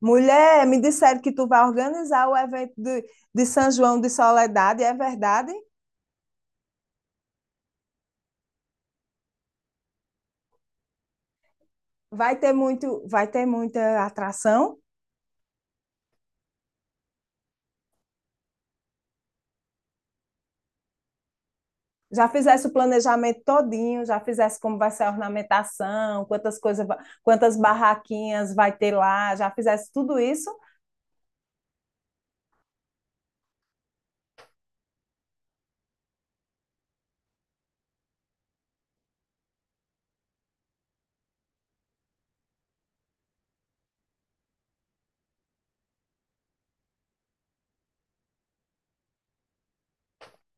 Mulher, me disseram que tu vai organizar o evento de São João de Soledade, é verdade? Vai ter muito, vai ter muita atração? Já fizesse o planejamento todinho, já fizesse como vai ser a ornamentação, quantas coisas, quantas barraquinhas vai ter lá, já fizesse tudo isso?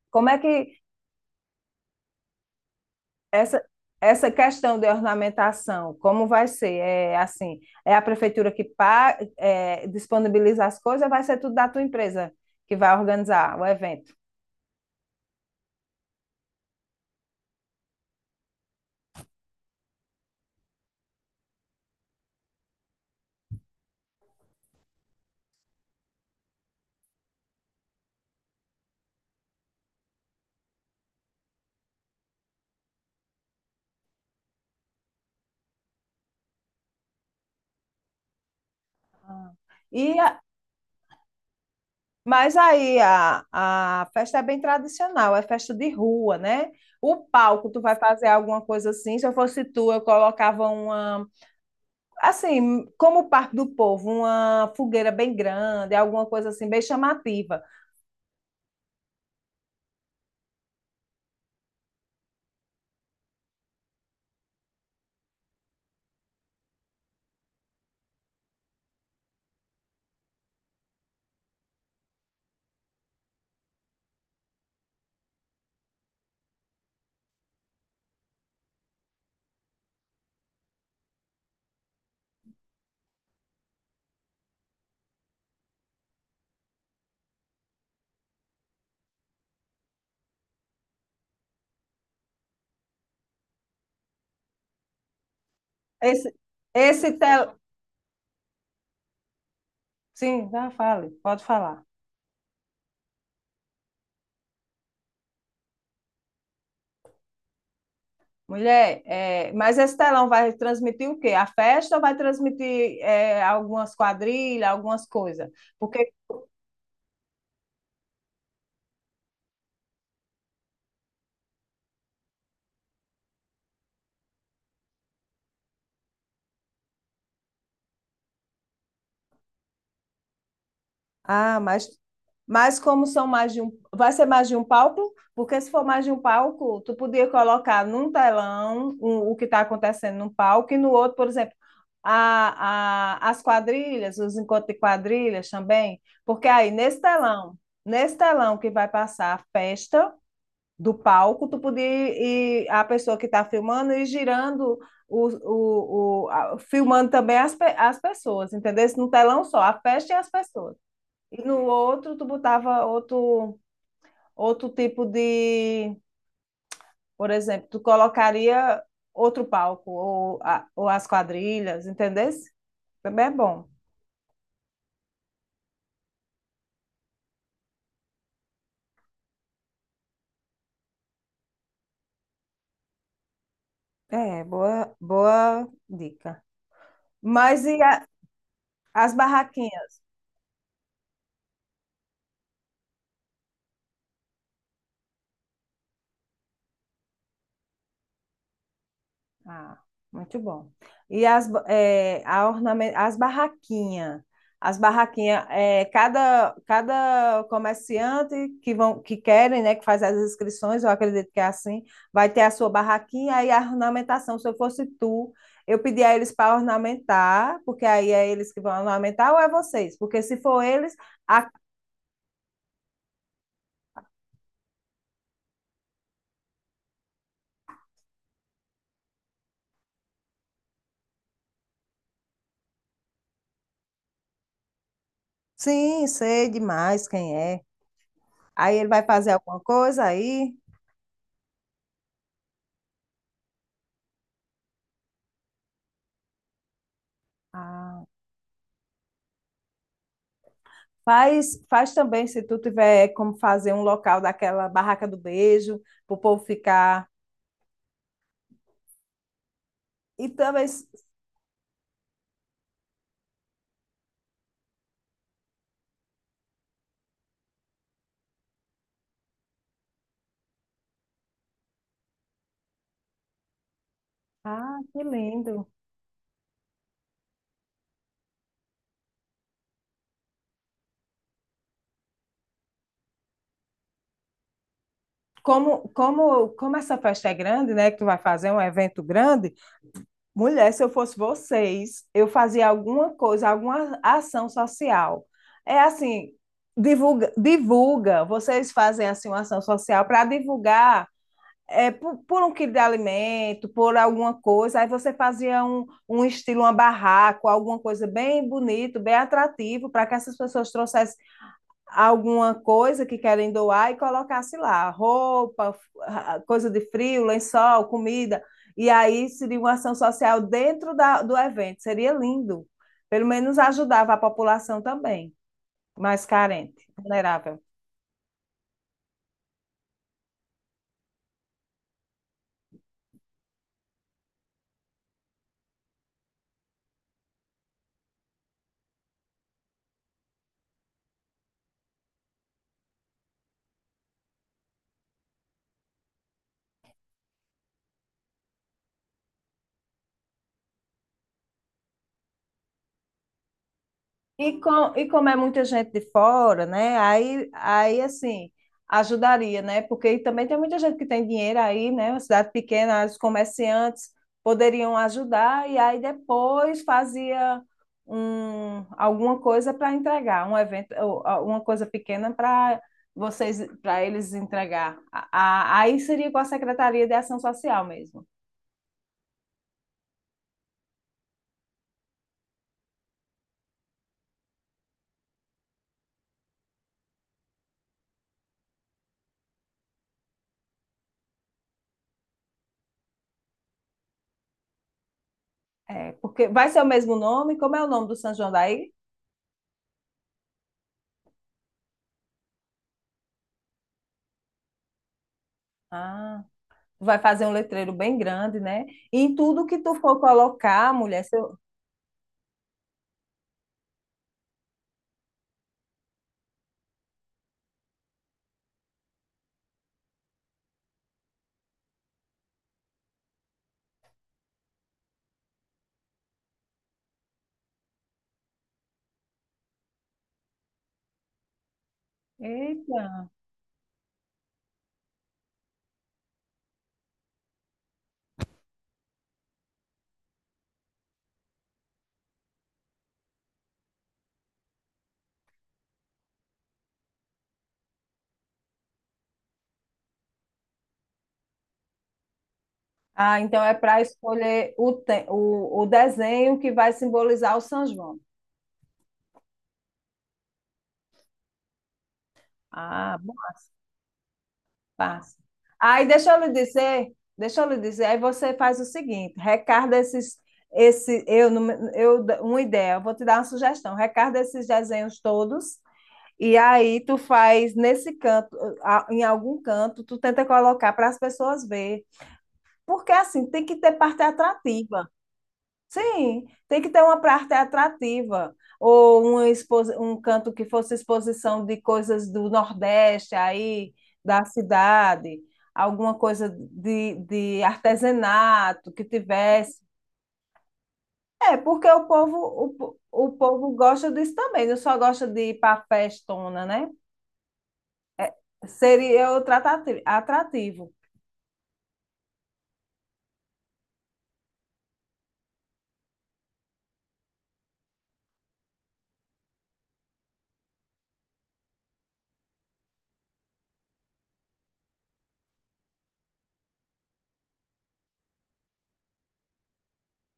Como é que essa essa questão de ornamentação, como vai ser? É assim, é a prefeitura que disponibiliza as coisas, vai ser tudo da tua empresa que vai organizar o evento. E Mas aí a festa é bem tradicional, é festa de rua, né? O palco, tu vai fazer alguma coisa assim. Se eu fosse tu, eu colocava uma, assim, como o Parque do Povo, uma fogueira bem grande, alguma coisa assim, bem chamativa. Esse, esse telão. Sim, já fale, pode falar. Mulher, é, mas esse telão vai transmitir o quê? A festa ou vai transmitir algumas quadrilhas, algumas coisas? Porque. Ah, mas como são mais de um, vai ser mais de um palco? Porque se for mais de um palco, tu podia colocar num telão o que está acontecendo num palco e no outro, por exemplo, as quadrilhas, os encontros de quadrilhas também, porque aí nesse nesse telão que vai passar a festa do palco, tu podia ir, a pessoa que está filmando e girando filmando também as pessoas, entendeu? No telão só, a festa e as pessoas. E no outro, tu botava outro, outro tipo de. Por exemplo, tu colocaria outro palco, ou, ou as quadrilhas, entendesse? Também é bom. É, boa, boa dica. Mas as barraquinhas? Ah, muito bom. E as, ba- é, a ornamen- as as barraquinhas, é, cada comerciante que vão, que querem, né, que faz as inscrições, eu acredito que é assim, vai ter a sua barraquinha e a ornamentação. Se eu fosse tu, eu pedia a eles para ornamentar, porque aí é eles que vão ornamentar ou é vocês? Porque se for eles, a- sim, sei demais quem é. Aí ele vai fazer alguma coisa aí? Ah. Faz, faz também, se tu tiver como fazer um local daquela barraca do beijo, para o povo ficar. E também. Ah, que lindo! Como essa festa é grande, né? Que tu vai fazer um evento grande, mulher, se eu fosse vocês, eu fazia alguma coisa, alguma ação social. É assim, divulga, divulga. Vocês fazem assim uma ação social para divulgar um quilo de alimento, por alguma coisa, aí você fazia um estilo, uma barraco, alguma coisa bem bonito, bem atrativo, para que essas pessoas trouxessem alguma coisa que querem doar e colocasse lá, roupa, ah, coisa de frio, lençol, comida, e aí seria uma ação social dentro do evento, seria lindo, pelo menos ajudava a população também, mais carente, vulnerável. E como é muita gente de fora, né? Aí, aí assim, ajudaria, né? Porque também tem muita gente que tem dinheiro aí, né? Uma cidade pequena, os comerciantes poderiam ajudar e aí depois fazia alguma coisa para entregar, um evento, uma coisa pequena para vocês, para eles entregar. Aí seria com a Secretaria de Ação Social mesmo. É, porque vai ser o mesmo nome? Como é o nome do São João daí? Ah. Vai fazer um letreiro bem grande, né? E em tudo que tu for colocar, mulher, seu... Eita! Ah, então é para escolher o desenho que vai simbolizar o São João. Ah, massa, passa. Aí deixa eu lhe dizer, deixa eu lhe dizer, aí você faz o seguinte, recarda esses, esse, eu, não eu, uma ideia, eu vou te dar uma sugestão, recarda esses desenhos todos, e aí tu faz nesse canto, em algum canto, tu tenta colocar para as pessoas verem, porque assim, tem que ter parte atrativa. Sim, tem que ter uma parte atrativa. Um canto que fosse exposição de coisas do Nordeste aí, da cidade, alguma coisa de artesanato que tivesse. É, porque o povo gosta disso também, não só gosta de ir para festona, né? Seria o atrativo.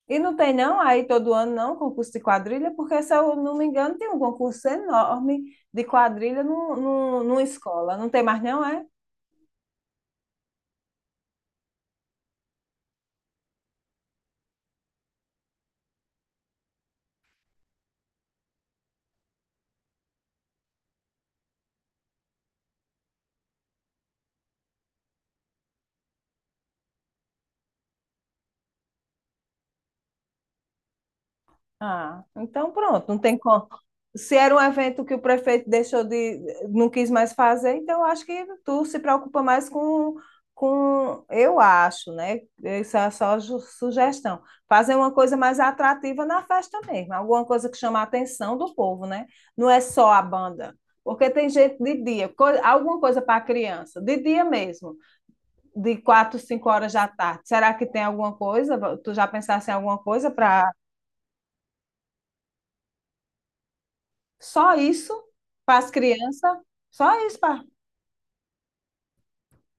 E não tem não aí todo ano não concurso de quadrilha, porque se eu não me engano tem um concurso enorme de quadrilha numa escola. Não tem mais não, é? Ah, então pronto, não tem como. Se era um evento que o prefeito deixou de, não quis mais fazer, então eu acho que tu se preocupa mais eu acho, né? Isso é só sugestão. Fazer uma coisa mais atrativa na festa mesmo, alguma coisa que chama a atenção do povo, né? Não é só a banda, porque tem gente de dia, alguma coisa para criança, de dia mesmo, de quatro, cinco horas da tarde. Será que tem alguma coisa? Tu já pensaste em alguma coisa para só isso para as crianças? Só isso para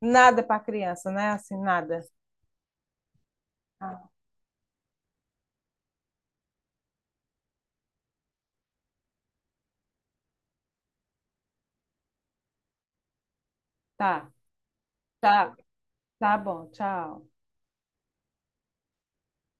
nada para a criança, né? Assim, nada. Ah, tá, tá, tá bom, tchau.